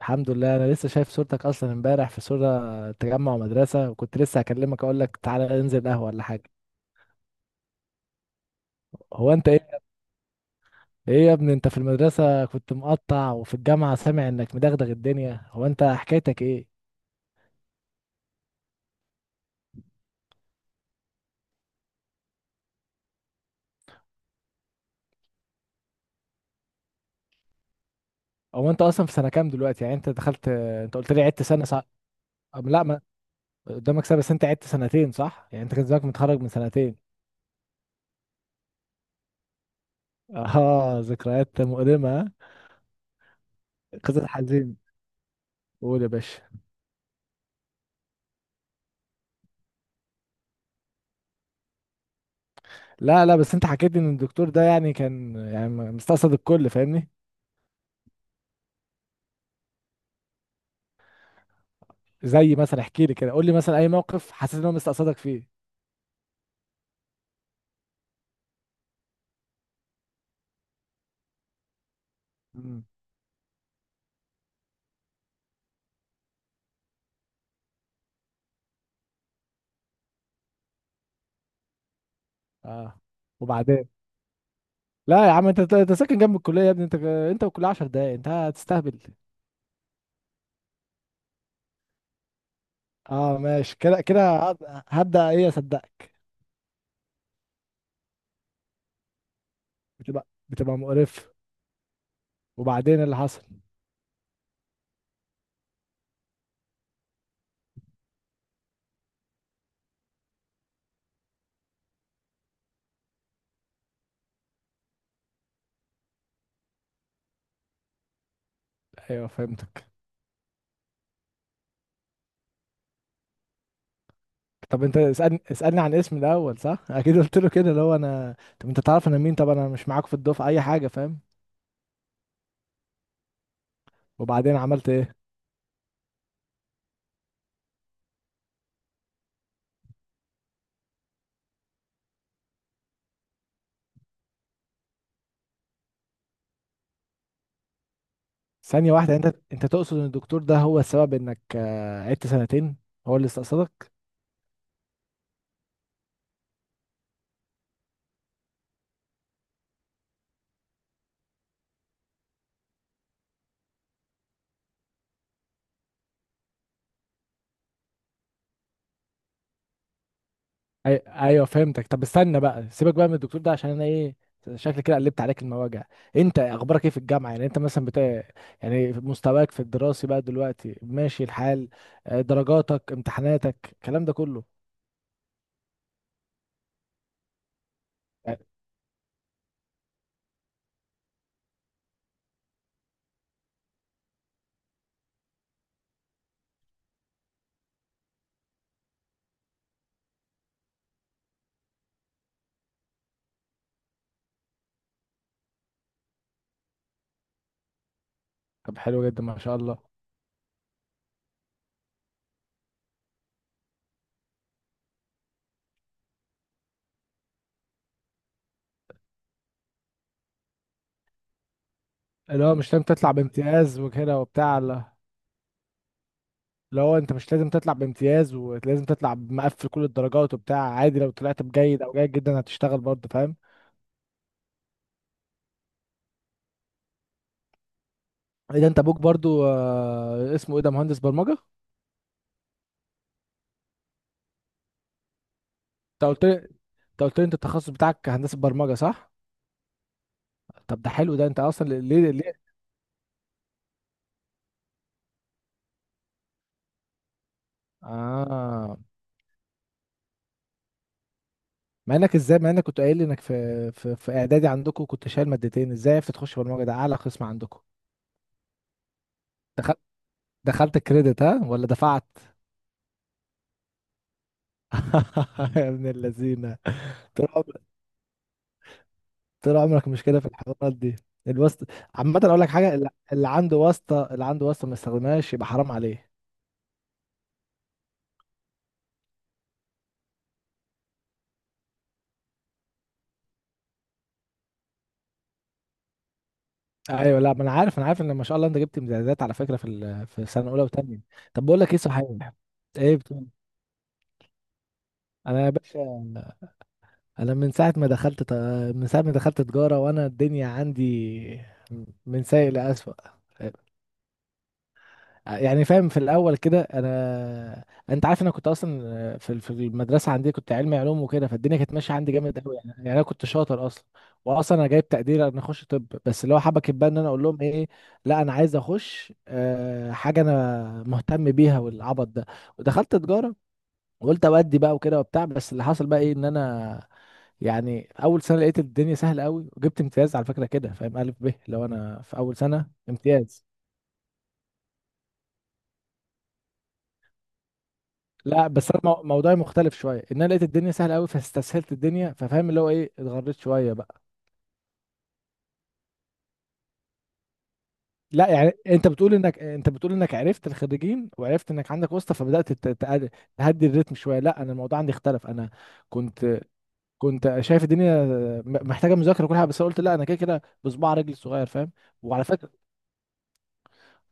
الحمد لله، انا لسه شايف صورتك اصلا امبارح في صورة تجمع مدرسة، وكنت لسه هكلمك اقول لك تعالى ننزل قهوة ولا حاجة. هو انت ايه؟ ايه يا ابني، انت في المدرسة كنت مقطع، وفي الجامعة سامع انك مدغدغ الدنيا، هو انت حكايتك ايه؟ هو انت اصلا في سنة كام دلوقتي؟ يعني انت دخلت، انت قلت لي عدت سنة، صح؟ أم لا ما قدامك سنة، بس انت عدت سنتين صح؟ يعني انت كان زمانك متخرج من سنتين. اه، ذكريات مؤلمة ها؟ قصة حزين. قول يا باشا. لا لا، بس انت حكيت لي ان الدكتور ده كان مستقصد الكل، فاهمني؟ زي مثلا احكي لي كده، قول لي مثلا اي موقف حسيت ان هو مستقصدك فيه. مم. اه. وبعدين؟ لا يا عم، انت أنت ساكن جنب الكليه يا ابني، انت انت والكليه 10 دقايق، انت هتستهبل. اه ماشي، كده كده هبدا ايه اصدقك. بتبقى مقرف. وبعدين اللي حصل؟ ايوه فهمتك. طب انت اسالني عن اسمي الاول صح؟ اكيد قلت له كده اللي هو انا طب انت تعرف انا مين؟ طب انا مش معاك في الدفعه اي حاجه، فاهم؟ وبعدين عملت ايه؟ ثانية واحدة، انت تقصد ان الدكتور ده هو السبب انك قعدت سنتين؟ هو اللي استقصدك؟ ايوه فهمتك. طب استنى بقى، سيبك بقى من الدكتور ده، عشان انا ايه شكلي كده قلبت عليك المواجع. انت اخبارك ايه في الجامعة؟ يعني انت مثلا يعني مستواك في الدراسي بقى دلوقتي ماشي الحال؟ درجاتك، امتحاناتك، الكلام ده كله. آه، طب حلو جدا، ما شاء الله. اللي هو مش لازم تطلع بامتياز وكده وبتاع، لا. لو انت مش لازم تطلع بامتياز ولازم تطلع مقفل كل الدرجات وبتاع عادي، لو طلعت بجيد او جيد جدا هتشتغل برضه، فاهم؟ ايه ده، انت ابوك برضه اسمه ايه ده، مهندس برمجة انت؟ قلت لي، انت قلت لي انت التخصص بتاعك هندسة برمجة صح؟ طب ده حلو، ده انت اصلا ليه ليه. اه، مع انك ازاي، مع انك كنت قايل لي انك في اعدادي عندكم كنت شايل مادتين، ازاي عرفت تخش برمجة، ده اعلى قسم عندكم. دخلت، دخلت كريدت ها ولا دفعت؟ يا ابن اللذينه، طول عمرك مشكله في الحوارات دي، الواسطه. عامه اقول لك حاجه، اللي اللي عنده واسطه، اللي عنده واسطه ما يستخدمهاش يبقى حرام عليه. ايوه لا، ما انا عارف، انا عارف ان ما شاء الله انت جبت امتيازات على فكره في في سنه اولى وثانيه. طب بقول لك ايه صحيح، ايه بتقول؟ انا يا باشا، انا من ساعه ما دخلت ت- من ساعه ما دخلت تجاره وانا الدنيا عندي من سيء لاسوء، يعني فاهم. في الاول كده انا، انت عارف انا كنت اصلا في المدرسه عندي كنت علمي علوم وكده، فالدنيا كانت ماشيه عندي جامد قوي، يعني يعني انا كنت شاطر اصلا. واصلا انا جايب تقدير ان اخش طب، بس اللي هو حبكت بقى ان انا اقول لهم ايه لا انا عايز اخش حاجه انا مهتم بيها والعبط ده. ودخلت تجاره وقلت اودي بقى وكده وبتاع، بس اللي حصل بقى ايه ان انا يعني اول سنه لقيت الدنيا سهله قوي، وجبت امتياز على فكره كده فاهم، الف ب لو انا في اول سنه امتياز. لا بس انا موضوعي مختلف شويه، ان انا لقيت الدنيا سهله قوي فاستسهلت الدنيا، ففاهم اللي هو ايه، اتغريت شويه بقى. لا يعني انت بتقول انك، انت بتقول انك عرفت الخريجين وعرفت انك عندك واسطه فبدات تهدي الريتم شويه، لا انا الموضوع عندي اختلف. انا كنت، كنت شايف الدنيا محتاجه مذاكره وكل حاجه، بس أنا قلت لا انا كده كده بصباع رجلي الصغير، فاهم؟ وعلى فكره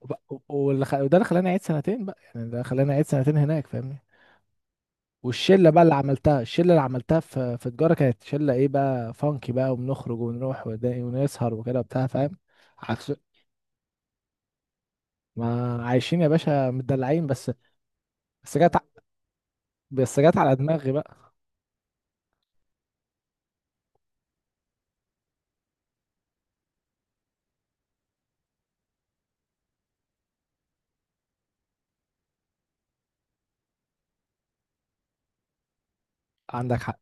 وده اللي خلاني اعيد سنتين بقى، يعني ده خلاني اعيد سنتين هناك فاهمني. والشله بقى اللي عملتها، الشله اللي عملتها في تجاره كانت شله ايه بقى، فانكي بقى، وبنخرج ونروح ونسهر وكده بتاع فاهم، عكس. ما عايشين يا باشا متدلعين بس. بس جت ع- بس جت على دماغي بقى. عندك حق.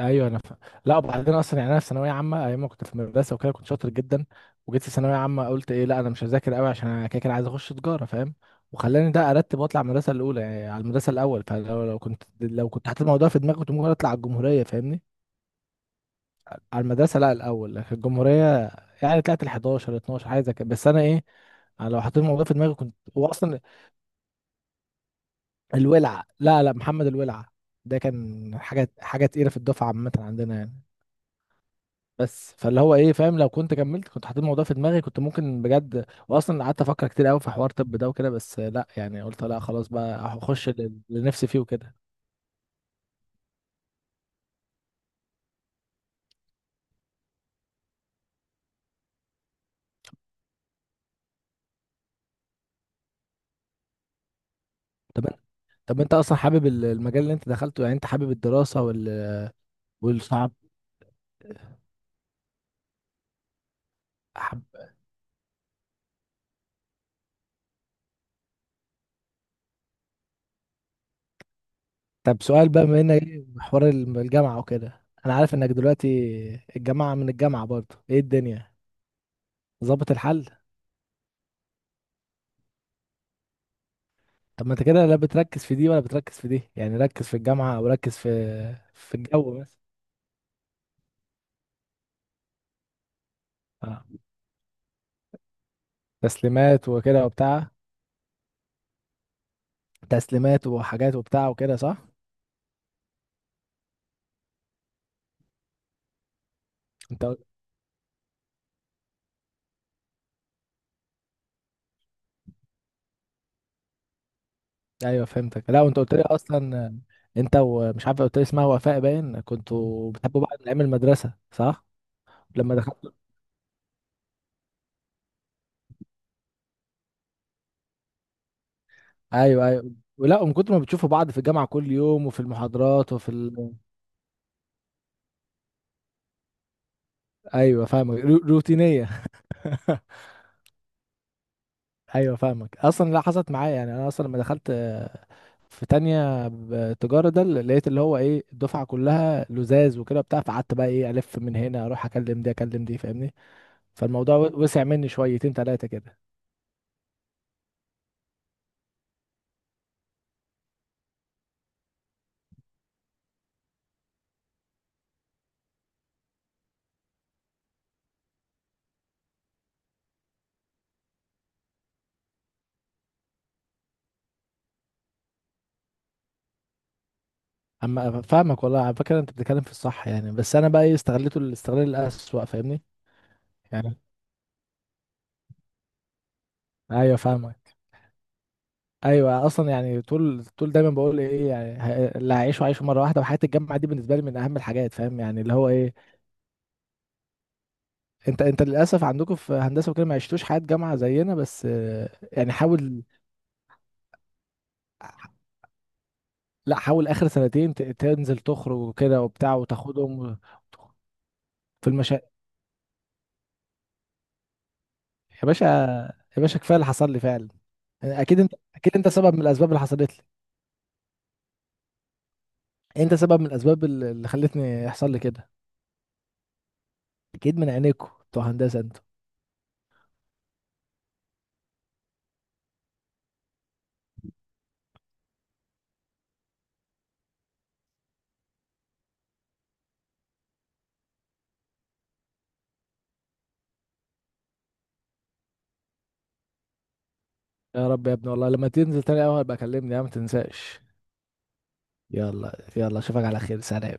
ايوه انا فاهم. لا وبعدين اصلا يعني انا في ثانويه عامه ايام ما كنت في المدرسه وكده كنت شاطر جدا، وجيت في ثانويه عامه قلت ايه لا انا مش هذاكر قوي عشان انا كده كده عايز اخش تجاره، فاهم؟ وخلاني ده ارتب واطلع المدرسه الاولى، يعني على المدرسه الاول، فلو لو كنت حاطط الموضوع في دماغي كنت ممكن اطلع على الجمهوريه فاهمني. على المدرسة، لا، الأول في الجمهورية. يعني طلعت ال 11 12 حاجة زي كده، بس أنا إيه، أنا لو حطيت الموضوع في دماغي كنت هو أصلا الولع. لا لا، محمد الولع ده كان حاجة تقيلة في الدفعة عامة عندنا يعني. بس فاللي هو إيه فاهم، لو كنت كملت كنت حطيت الموضوع في دماغي كنت ممكن بجد، وأصلا قعدت أفكر كتير أوي في حوار طب ده وكده، بس لا يعني قلت لا خلاص بقى هخش اللي اللي نفسي فيه وكده. طب، طب أنت أصلا حابب المجال اللي أنت دخلته؟ يعني أنت حابب الدراسة وال والصعب؟ طب سؤال بقى، بما انك إيه حوار الجامعة وكده، انا عارف انك دلوقتي الجامعة، من الجامعة برضه ايه الدنيا ظابط الحل؟ طب ما انت كده لا بتركز في دي ولا بتركز في دي، يعني ركز في الجامعة او ركز في في الجو مثلا. اه تسليمات وكده وبتاع، تسليمات وحاجات وبتاع وكده صح؟ انت قل- ايوه فهمتك. لا وانت قلت لي اصلا انت ومش عارف قلت لي اسمها وفاء، باين كنتوا بتحبوا بعض من ايام المدرسة صح؟ لما دخلت. ايوه ايوه. ولا من كتر ما بتشوفوا بعض في الجامعه كل يوم وفي المحاضرات وفي ايوه فاهمك، روتينيه. ايوه فاهمك. اصلا لا حصلت معايا، يعني انا اصلا لما دخلت في تانية تجارة، ده اللي لقيت اللي هو ايه الدفعة كلها لزاز وكده بتاع، فقعدت بقى ايه الف من هنا اروح اكلم دي اكلم دي فاهمني. فالموضوع وسع مني شويتين تلاتة كده. اما فاهمك والله، على فكرة انت بتتكلم في الصح يعني، بس انا بقى ايه استغليته الاستغلال الأسوأ فاهمني. يعني ايوه فاهمك. ايوه اصلا يعني، طول طول دايما بقول ايه يعني، اللي هعيشه عايشه مره واحده، وحياه الجامعه دي بالنسبه لي من اهم الحاجات، فاهم يعني اللي هو ايه. انت للاسف عندكم في هندسه وكده ما عشتوش حياه جامعه زينا، بس يعني حاول، لا حاول اخر سنتين تنزل تخرج وكده وبتاع وتاخدهم و- في المشا. يا باشا، يا باشا كفايه اللي حصل لي فعلا. يعني اكيد انت، اكيد انت سبب من الاسباب اللي حصلت لي، انت سبب من الاسباب اللي خلتني يحصل لي كده، اكيد من عينيكوا بتوع هندسه انتوا. يا رب يا ابني، والله لما تنزل تاني اول بكلمني يا عم ما تنساش. يلا يلا، اشوفك على خير، سلام.